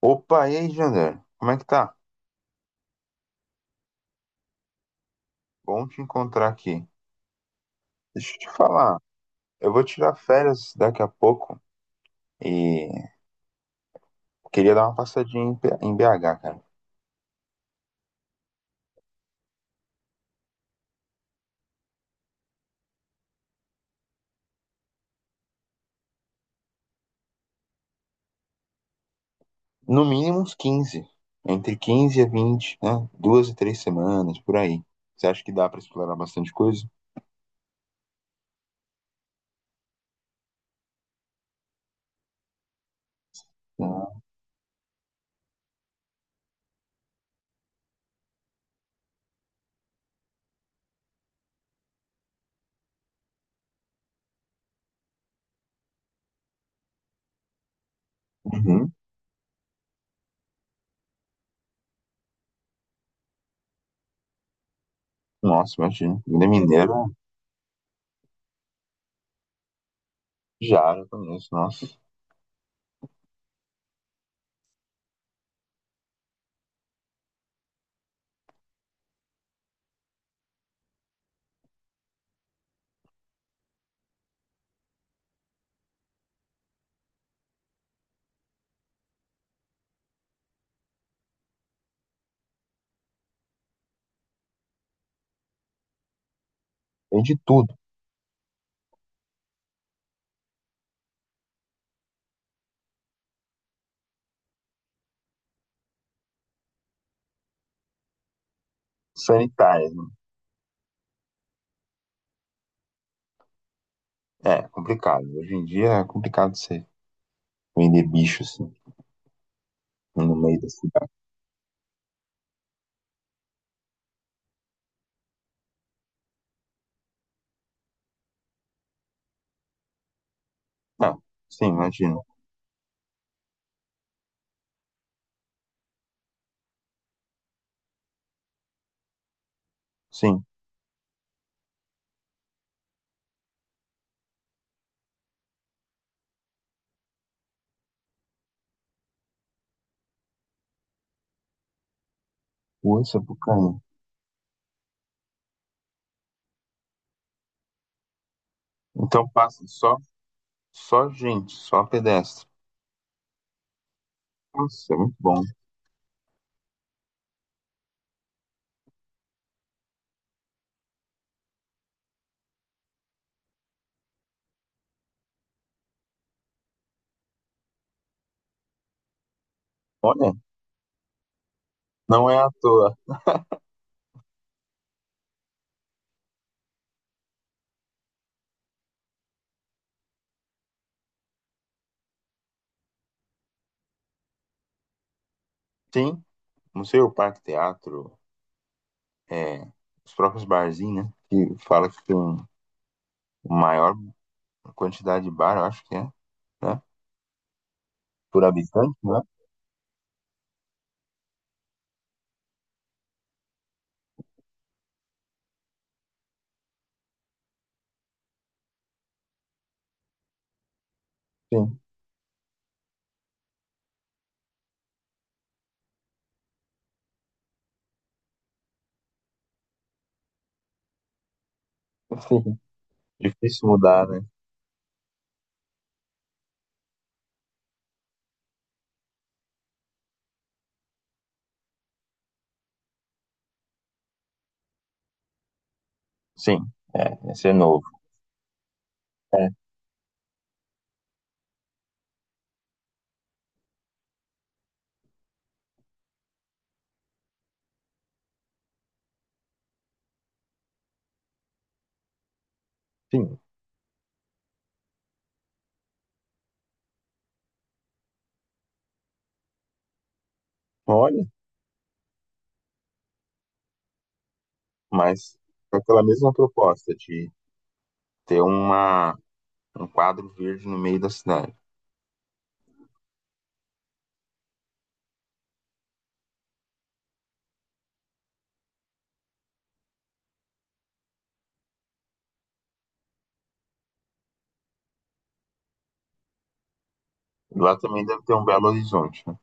Opa, e aí, Jander? Como é que tá? Bom te encontrar aqui. Deixa eu te falar, eu vou tirar férias daqui a pouco e queria dar uma passadinha em BH, cara. No mínimo uns 15, entre 15 e 20, né? 2 e 3 semanas, por aí. Você acha que dá pra explorar bastante coisa? Uhum. Nossa, imagina. Comida mineira, já conheço, nossa. Tem de tudo. Sanitárias, né? É, complicado. Hoje em dia é complicado você vender bicho, assim, no meio da cidade. Ah, sim, imagina. Sim, Rua Sapucaí. Então passa só gente, só pedestre. Nossa, é muito bom. Olha, não é à toa. Tem museu, parque, teatro, é, os próprios barzinhos, né? Que fala que tem maior quantidade de bar, eu acho que é, né? Por habitante, né? Sim, sim. Difícil mudar, né? Sim, é, esse é novo. É, sim. Olha, mas com aquela mesma proposta de ter um quadro verde no meio da cidade. Lá também deve ter um Belo Horizonte, né?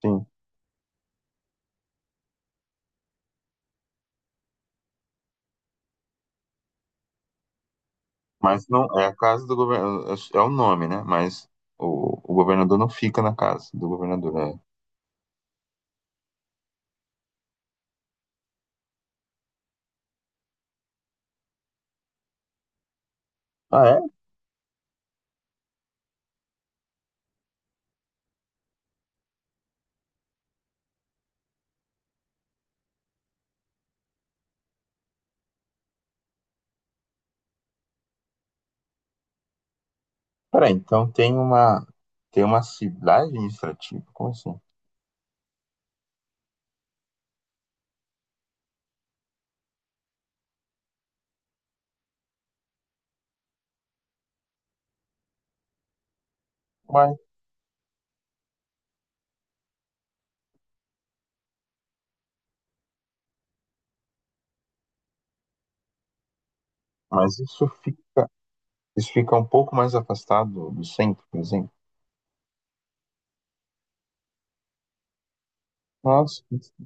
Sim. Mas não é a casa do governo, é o nome, né? Mas o governador não fica na casa do governador, né? Ah, é? Peraí, então tem uma cidade administrativa? Como assim? Uai, mas isso fica um pouco mais afastado do centro, por exemplo. Nossa.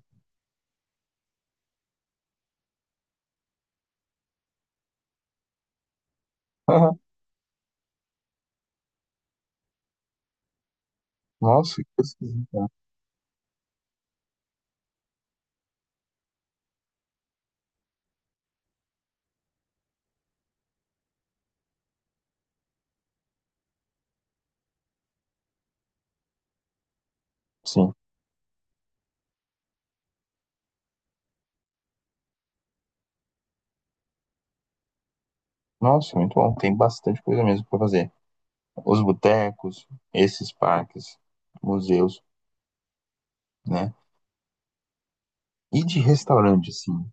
Nossa, que esquisito, né? Sim. Nossa, muito bom. Tem bastante coisa mesmo para fazer. Os botecos, esses parques, museus, né? E de restaurante, assim,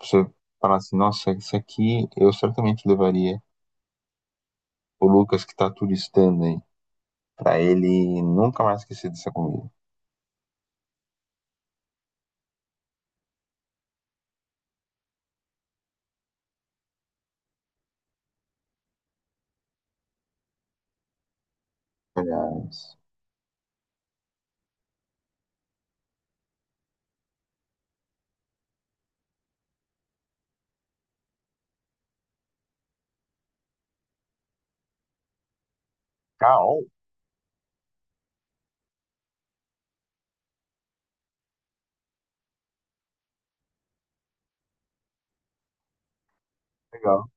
você falar assim, nossa, isso aqui eu certamente levaria o Lucas que tá turistando aí, pra ele nunca mais esquecer dessa comida. Aliás, caol, legal.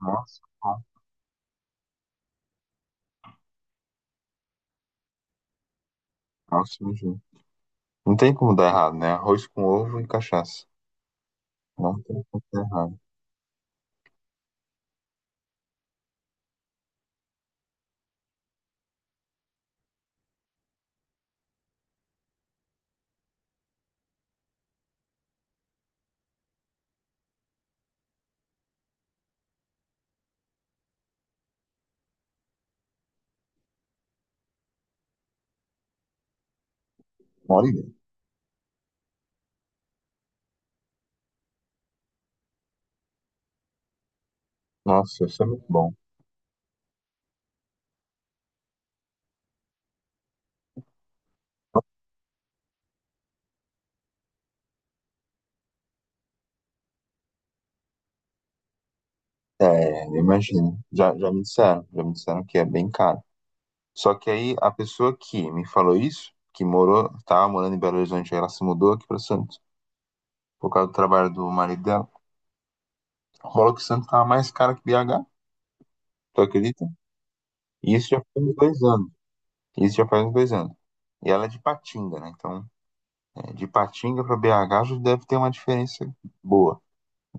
Nossa, bom. Nossa, imagina. Não tem como dar errado, né? Arroz com ovo e cachaça. Não tem como dar errado. Olha, nossa, isso é muito bom. É, eu imagino. Já me disseram, já me disseram que é bem caro. Só que aí a pessoa que me falou isso, que morou, tava morando em Belo Horizonte, aí ela se mudou aqui para Santos, por causa do trabalho do marido dela. Rola que Santos tava mais cara que BH, tu acredita? E isso já faz uns 2 anos. Isso já faz uns dois anos. E ela é de Patinga, né? Então, é, de Patinga para BH já deve ter uma diferença boa.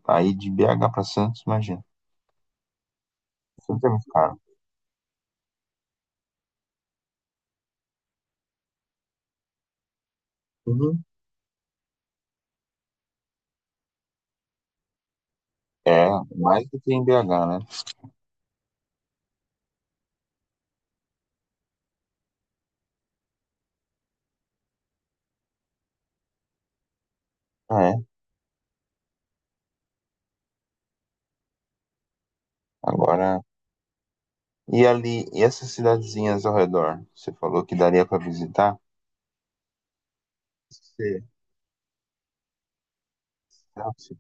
Aí de BH para Santos, imagina. Santos é muito caro. Uhum. É, mais do que em BH, né? Ah, é. Agora, e ali, e essas cidadezinhas ao redor? Você falou que daria para visitar? Você, nossa,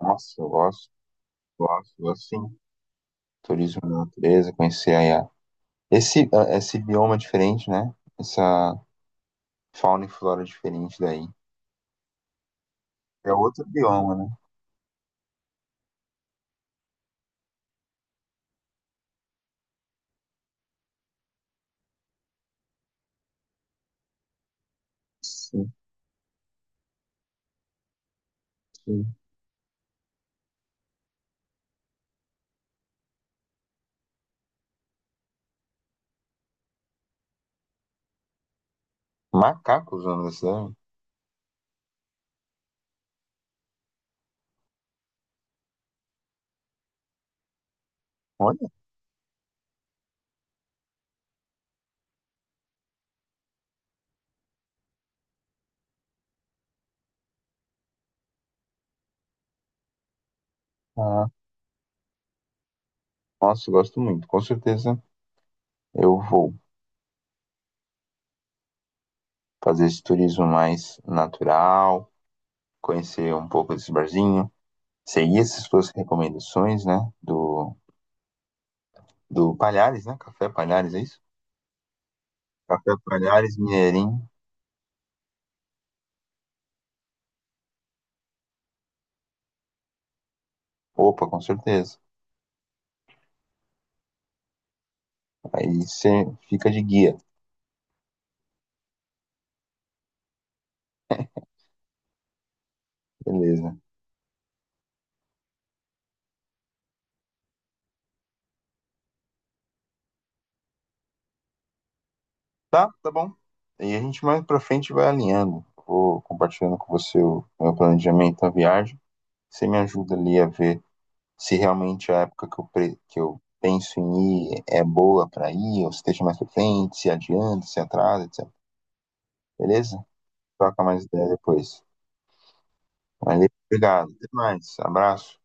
nossa, eu gosto, gosto, gosto sim. Turismo na natureza, conhecer aí esse bioma diferente, né? Essa fauna e flora diferente daí. É outro bioma, né? Sim, sim. Macacos na cidade? Olha, ah, nossa, eu gosto muito. Com certeza eu vou fazer esse turismo mais natural, conhecer um pouco desse barzinho, seguir essas suas recomendações, né? Do, do Palhares, né? Café Palhares, é isso? Café Palhares, Mineirinho. Opa, com certeza. Aí você fica de guia. Beleza. Tá, tá bom. E a gente mais pra frente vai alinhando. Vou compartilhando com você o meu planejamento da viagem. Você me ajuda ali a ver se realmente a época que eu penso em ir é boa pra ir, ou se deixa mais pra frente, se adianta, se atrasa, etc. Beleza? Troca mais ideia depois. Valeu, obrigado. Até mais. Abraço.